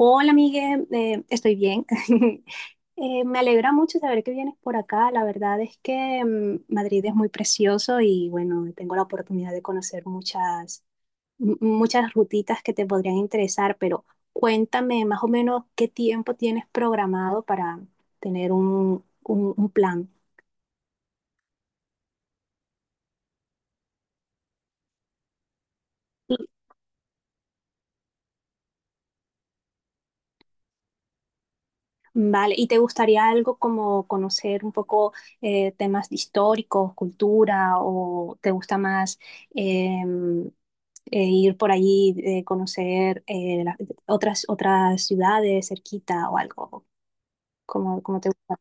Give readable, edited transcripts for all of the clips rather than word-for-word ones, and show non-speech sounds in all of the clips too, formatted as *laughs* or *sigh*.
Hola, Miguel, estoy bien. *laughs* Me alegra mucho saber que vienes por acá. La verdad es que Madrid es muy precioso y bueno, tengo la oportunidad de conocer muchas rutitas que te podrían interesar, pero cuéntame más o menos qué tiempo tienes programado para tener un plan. Vale, ¿y te gustaría algo como conocer un poco temas históricos, cultura, o te gusta más em, ir por allí, conocer otras ciudades cerquita o algo? Como te gusta?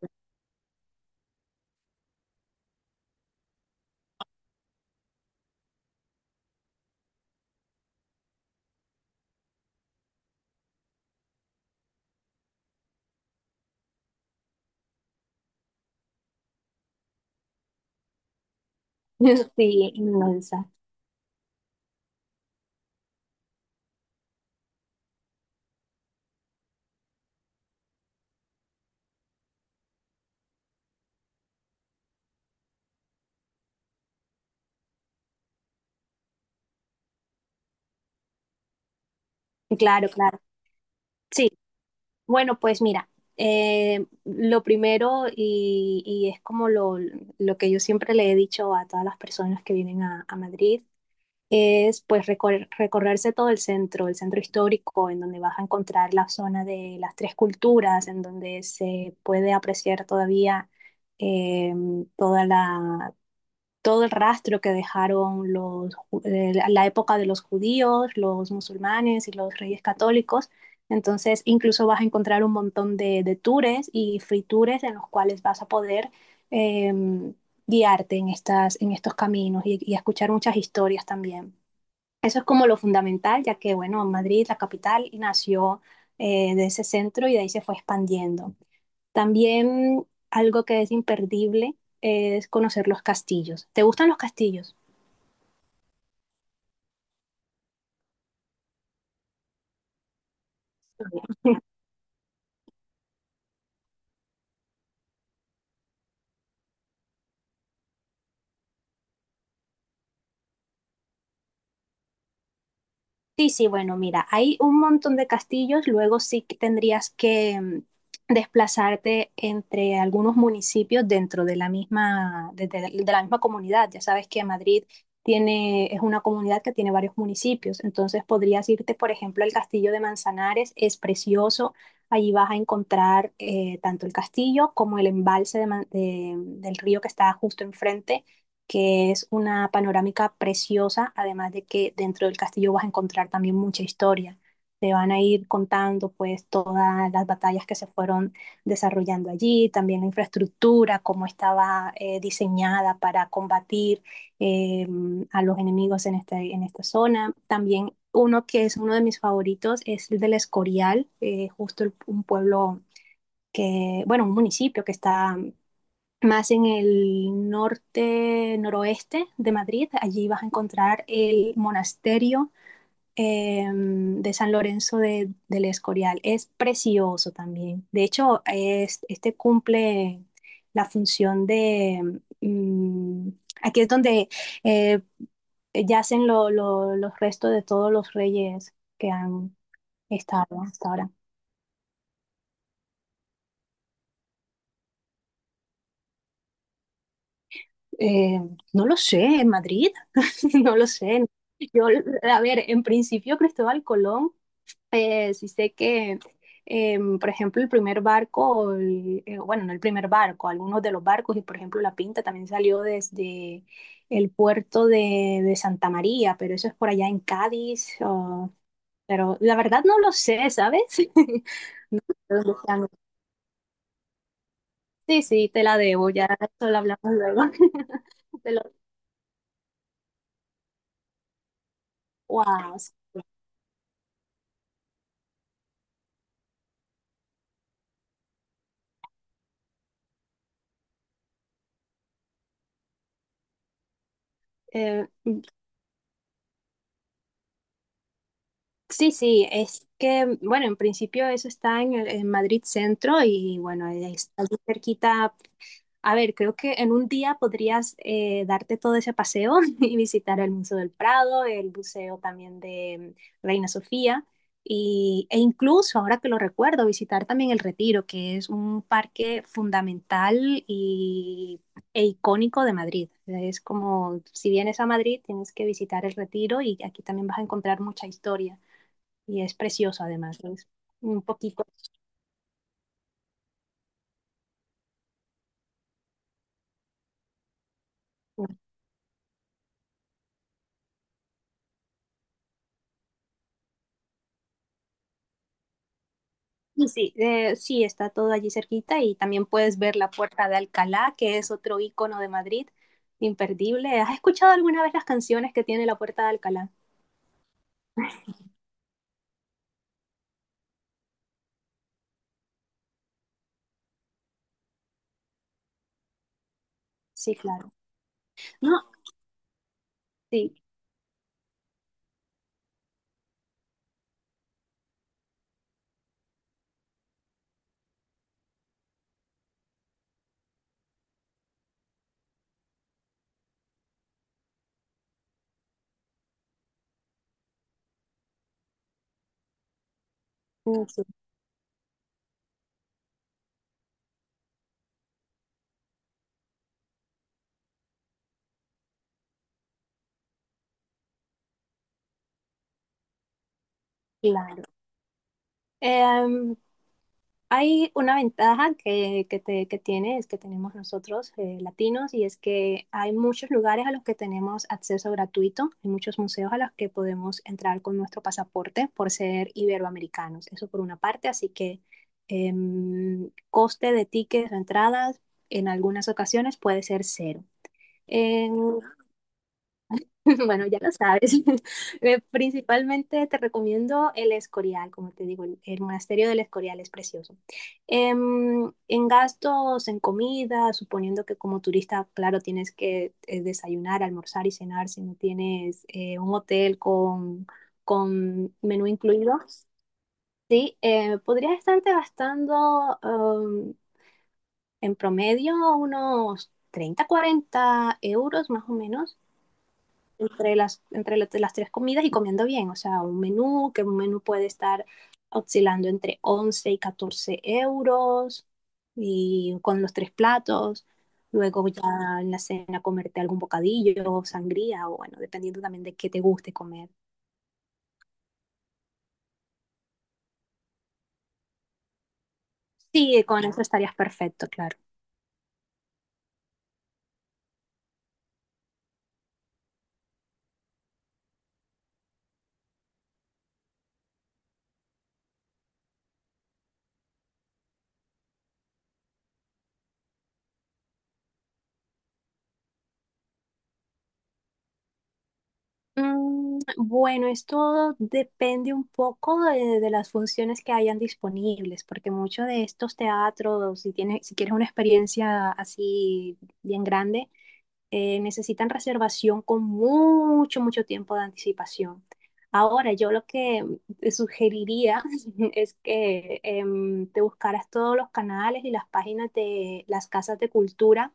*laughs* Sí, inmensa. Claro, claro. Sí, bueno, pues mira, lo primero y es como lo que yo siempre le he dicho a todas las personas que vienen a Madrid es pues recorrerse todo el centro histórico, en donde vas a encontrar la zona de las tres culturas, en donde se puede apreciar todavía eh, toda la, todo el rastro que dejaron la época de los judíos, los musulmanes y los reyes católicos. Entonces, incluso vas a encontrar un montón de tours y free tours en los cuales vas a poder em, guiarte en en estos caminos y escuchar muchas historias también. Eso es como lo fundamental, ya que, bueno, Madrid, la capital, nació de ese centro y de ahí se fue expandiendo. También algo que es imperdible es conocer los castillos. ¿Te gustan los castillos? Sí, sí, bueno, mira, hay un montón de castillos, luego sí que tendrías que desplazarte entre algunos municipios dentro de de la misma comunidad. Ya sabes que Madrid tiene, es una comunidad que tiene varios municipios, entonces podrías irte, por ejemplo, al castillo de Manzanares, es precioso, allí vas a encontrar tanto el castillo como el embalse de del río que está justo enfrente, que es una panorámica preciosa, además de que dentro del castillo vas a encontrar también mucha historia. Te van a ir contando pues todas las batallas que se fueron desarrollando allí, también la infraestructura, cómo estaba diseñada para combatir eh, a los enemigos en, este, en esta zona. También uno que es uno de mis favoritos es el del Escorial, un pueblo que, bueno, un municipio que está más en el norte, noroeste de Madrid. Allí vas a encontrar el monasterio de San Lorenzo del Escorial. Es precioso también. De hecho, es, este cumple la función de... mm, aquí es donde eh, yacen los restos de todos los reyes que han estado hasta ahora. Eh, no lo sé, en Madrid, *laughs* no lo sé. Yo, a ver, en principio Cristóbal Colón, sí sé que, por ejemplo, el primer barco, bueno, no el primer barco, algunos de los barcos, y por ejemplo La Pinta también salió desde el puerto de Santa María, pero eso es por allá en Cádiz, o pero la verdad no lo sé, ¿sabes? *laughs* Los océanos. Sí, sí, te la debo, ya solo hablamos luego. *laughs* Te lo- Wow. Sí, sí, es que, bueno, en principio eso está en Madrid Centro y bueno, está muy cerquita. A ver, creo que en un día podrías darte todo ese paseo *laughs* y visitar el Museo del Prado, el Museo también de Reina Sofía y, e incluso, ahora que lo recuerdo, visitar también el Retiro, que es un parque fundamental y e icónico de Madrid. Es como, si vienes a Madrid, tienes que visitar el Retiro y aquí también vas a encontrar mucha historia y es precioso además, es un poquito. Y sí, sí, está todo allí cerquita y también puedes ver la Puerta de Alcalá, que es otro icono de Madrid, imperdible. ¿Has escuchado alguna vez las canciones que tiene la Puerta de Alcalá? Sí, claro. No, sí, mm, sí, claro. Em, Hay una ventaja que tiene, es que tenemos nosotros latinos, y es que hay muchos lugares a los que tenemos acceso gratuito, hay muchos museos a los que podemos entrar con nuestro pasaporte por ser iberoamericanos. Eso por una parte, así que coste de tickets o entradas en algunas ocasiones puede ser cero. En *laughs* bueno, ya lo sabes. *laughs* Principalmente te recomiendo el Escorial, como te digo, el monasterio del Escorial es precioso. Em, en gastos, en comida, suponiendo que como turista, claro, tienes que desayunar, almorzar y cenar si no tienes un hotel con menú incluido, sí, podrías estarte gastando en promedio unos 30, 40 € más o menos entre entre las tres comidas y comiendo bien. O sea, un menú, que un menú puede estar oscilando entre 11 y 14 € y con los tres platos. Luego ya en la cena comerte algún bocadillo, sangría o bueno, dependiendo también de qué te guste comer. Sí, con eso estarías perfecto, claro. Mm, bueno, esto depende un poco de las funciones que hayan disponibles, porque muchos de estos teatros, si tienes, si quieres una experiencia así bien grande, necesitan reservación con mucho, mucho tiempo de anticipación. Ahora, yo lo que te sugeriría *laughs* es que te buscaras todos los canales y las páginas de las casas de cultura,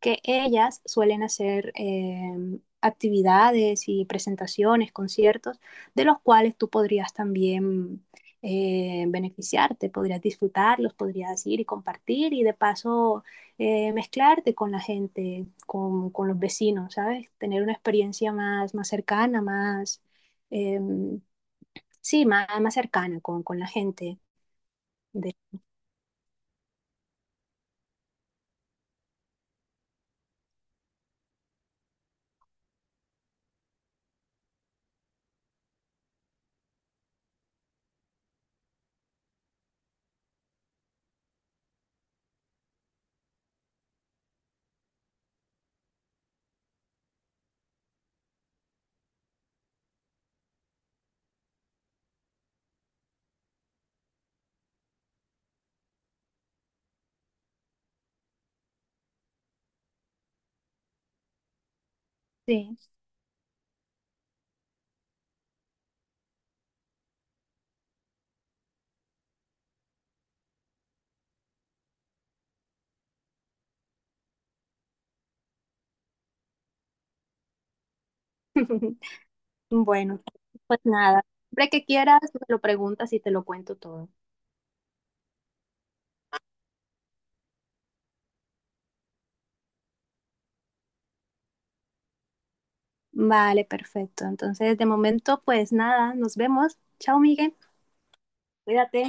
que ellas suelen hacer actividades y presentaciones, conciertos, de los cuales tú podrías también beneficiarte, podrías disfrutarlos, podrías ir y compartir y de paso mezclarte con la gente, con los vecinos, ¿sabes? Tener una experiencia más, más cercana, más, eh, sí, más, más cercana con la gente. De, sí, bueno, pues nada, siempre que quieras, me lo preguntas y te lo cuento todo. Vale, perfecto. Entonces, de momento, pues nada, nos vemos. Chao, Miguel. Cuídate.